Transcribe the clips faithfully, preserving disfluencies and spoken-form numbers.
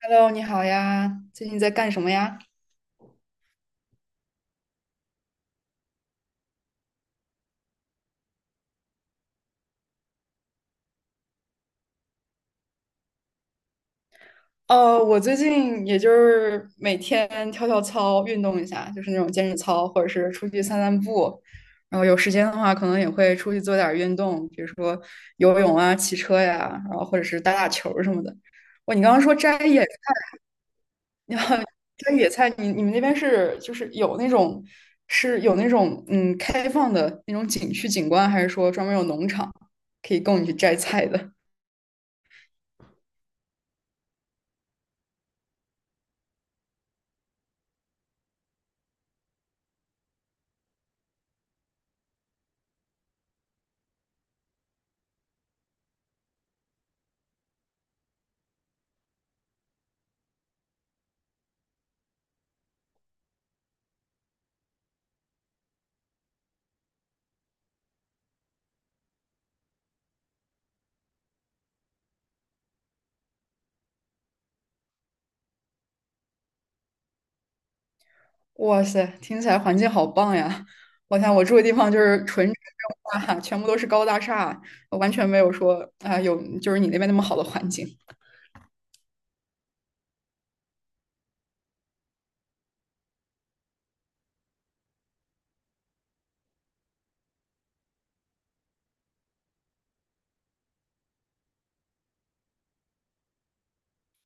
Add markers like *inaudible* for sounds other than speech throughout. Hello，你好呀，最近在干什么呀？呃，我最近也就是每天跳跳操，运动一下，就是那种健身操，或者是出去散散步。然后有时间的话，可能也会出去做点儿运动，比如说游泳啊、骑车呀，然后或者是打打球儿什么的。哇，你刚刚说摘野摘野菜，你你们那边是就是有那种是有那种嗯开放的那种景区景观，还是说专门有农场可以供你去摘菜的？哇塞，听起来环境好棒呀！我想我住的地方就是纯城镇化，全部都是高大厦，完全没有说啊、有就是你那边那么好的环境。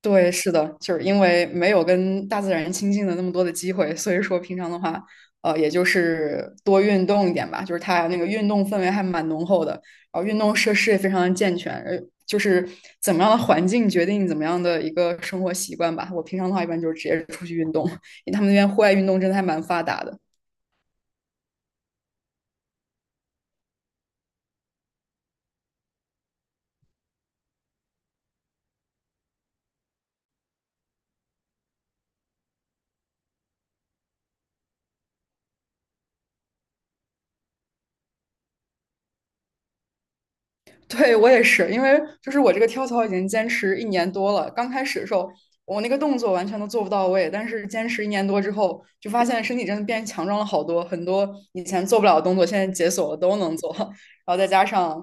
对，是的，就是因为没有跟大自然亲近的那么多的机会，所以说平常的话，呃，也就是多运动一点吧。就是它那个运动氛围还蛮浓厚的，然后运动设施也非常的健全，呃，就是怎么样的环境决定怎么样的一个生活习惯吧。我平常的话，一般就是直接出去运动，因为他们那边户外运动真的还蛮发达的。对，我也是，因为就是我这个跳操已经坚持一年多了。刚开始的时候，我那个动作完全都做不到位，但是坚持一年多之后，就发现身体真的变强壮了好多，很多以前做不了的动作，现在解锁了都能做。然后再加上，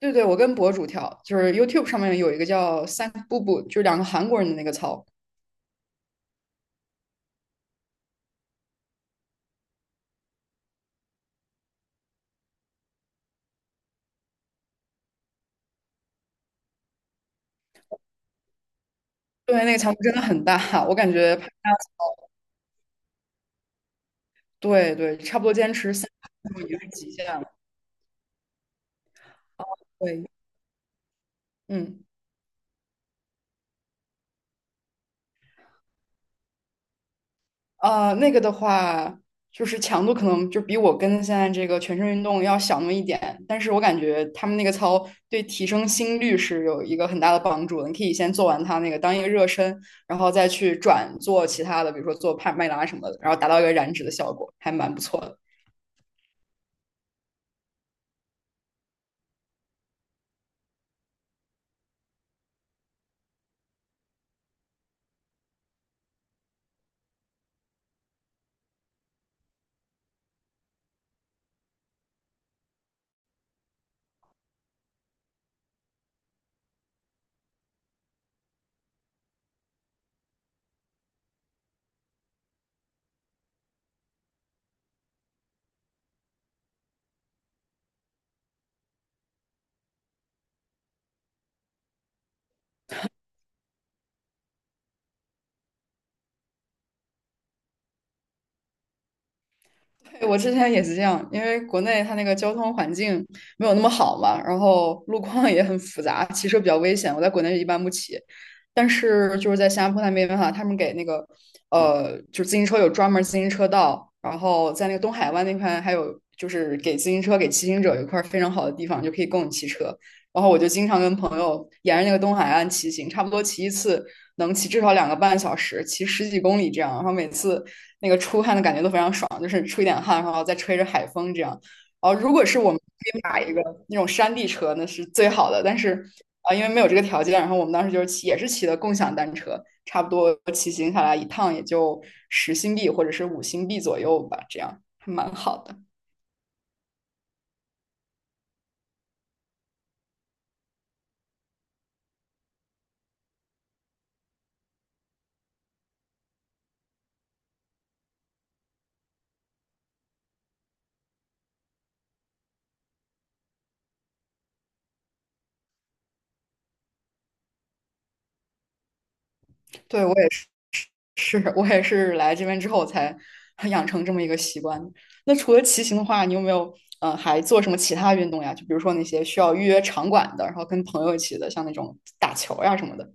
对对，我跟博主跳，就是 YouTube 上面有一个叫三步步，就是两个韩国人的那个操，对，那个强度真的很大，我感觉拍他对对，差不多坚持三步步已经是极限了。对，嗯。呃，那个的话，就是强度可能就比我跟现在这个全身运动要小那么一点，但是我感觉他们那个操对提升心率是有一个很大的帮助的。你可以先做完它那个当一个热身，然后再去转做其他的，比如说做帕梅拉什么的，然后达到一个燃脂的效果，还蛮不错的。对我之前也是这样，因为国内它那个交通环境没有那么好嘛，然后路况也很复杂，骑车比较危险。我在国内一般不骑，但是就是在新加坡那边哈，他们给那个呃，就是自行车有专门自行车道，然后在那个东海湾那块还有就是给自行车给骑行者有一块非常好的地方，就可以供你骑车。然后我就经常跟朋友沿着那个东海岸骑行，差不多骑一次能骑至少两个半小时，骑十几公里这样。然后每次那个出汗的感觉都非常爽，就是出一点汗，然后再吹着海风这样。然后如果是我们可以买一个那种山地车，那是最好的。但是啊、呃因为没有这个条件，然后我们当时就是骑，也是骑的共享单车，差不多骑行下来一趟也就十新币或者是五新币左右吧，这样还蛮好的。对，我也是我也是来这边之后才养成这么一个习惯。那除了骑行的话，你有没有呃还做什么其他运动呀？就比如说那些需要预约场馆的，然后跟朋友一起的，像那种打球呀什么的。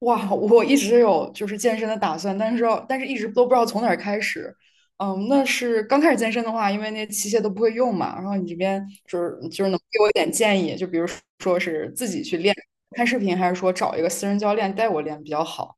哇，我一直有就是健身的打算，但是但是一直都不知道从哪儿开始。嗯，那是刚开始健身的话，因为那些器械都不会用嘛。然后你这边就是就是能给我一点建议，就比如说是自己去练，看视频，还是说找一个私人教练带我练比较好？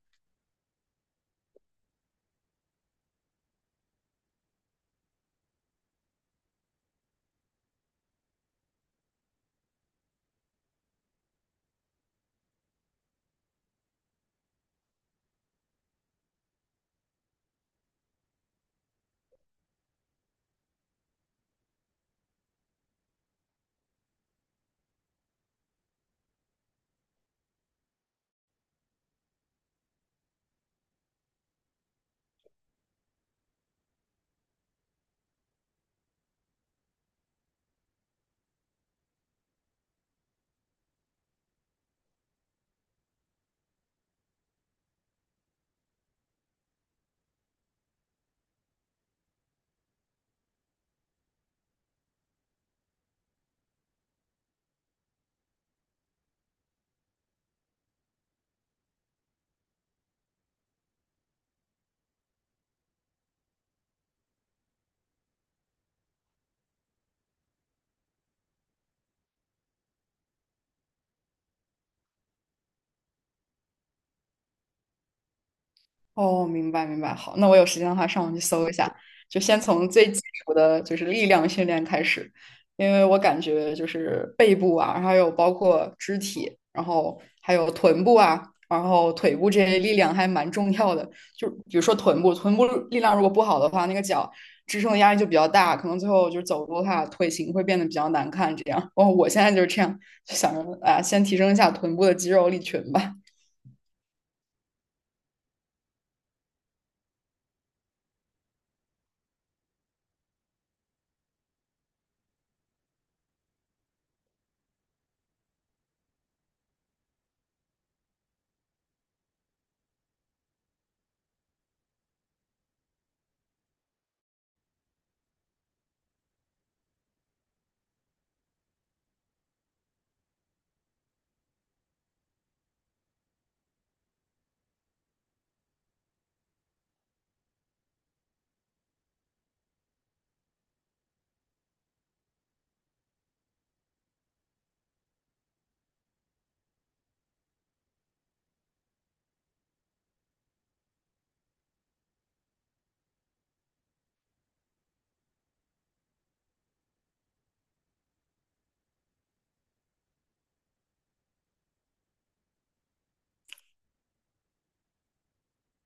哦，明白明白，好，那我有时间的话上网去搜一下，就先从最基础的就是力量训练开始，因为我感觉就是背部啊，然后还有包括肢体，然后还有臀部啊，然后腿部这些力量还蛮重要的。就比如说臀部，臀部力量如果不好的话，那个脚支撑的压力就比较大，可能最后就是走路的话，腿型会变得比较难看。这样，哦，我现在就是这样，就想着啊，先提升一下臀部的肌肉力群吧。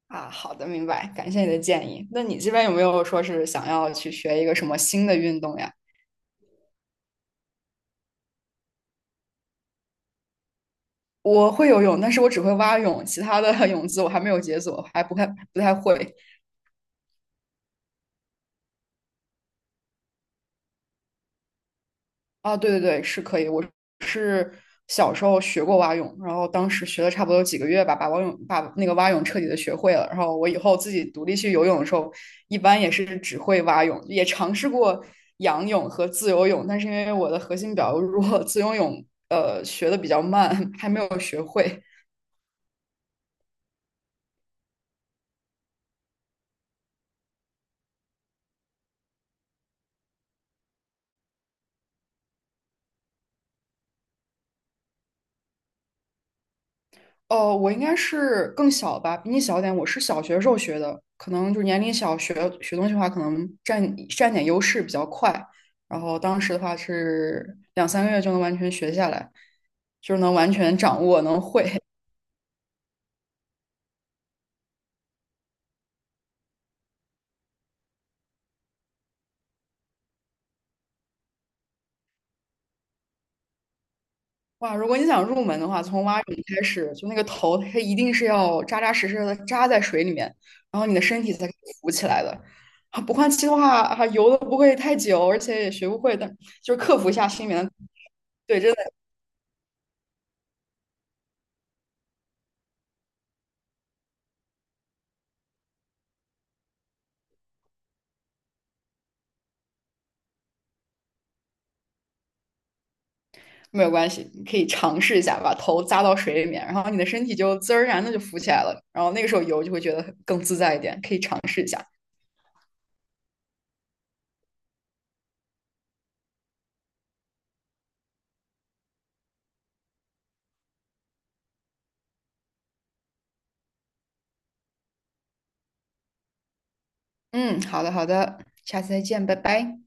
啊，好的，明白，感谢你的建议。那你这边有没有说是想要去学一个什么新的运动呀？我会游泳，但是我只会蛙泳，其他的 *laughs* 泳姿我还没有解锁，还不太不太会。啊，对对对，是可以。我是小时候学过蛙泳，然后当时学了差不多有几个月吧，把蛙泳把那个蛙泳彻底的学会了。然后我以后自己独立去游泳的时候，一般也是只会蛙泳，也尝试过仰泳和自由泳，但是因为我的核心比较弱，自由泳呃学的比较慢，还没有学会。哦，我应该是更小吧，比你小点。我是小学时候学的，可能就是年龄小学学东西的话，可能占占点优势比较快。然后当时的话是两三个月就能完全学下来，就是能完全掌握，能会。哇，如果你想入门的话，从蛙泳开始，就那个头，它一定是要扎扎实实的扎在水里面，然后你的身体才可以浮起来的。啊不换气的话，啊，游的不会太久，而且也学不会的，但就是克服一下心里面的对，真的。没有关系，你可以尝试一下，把头扎到水里面，然后你的身体就自然而然的就浮起来了，然后那个时候游就会觉得更自在一点，可以尝试一下。嗯，好的好的，下次再见，拜拜。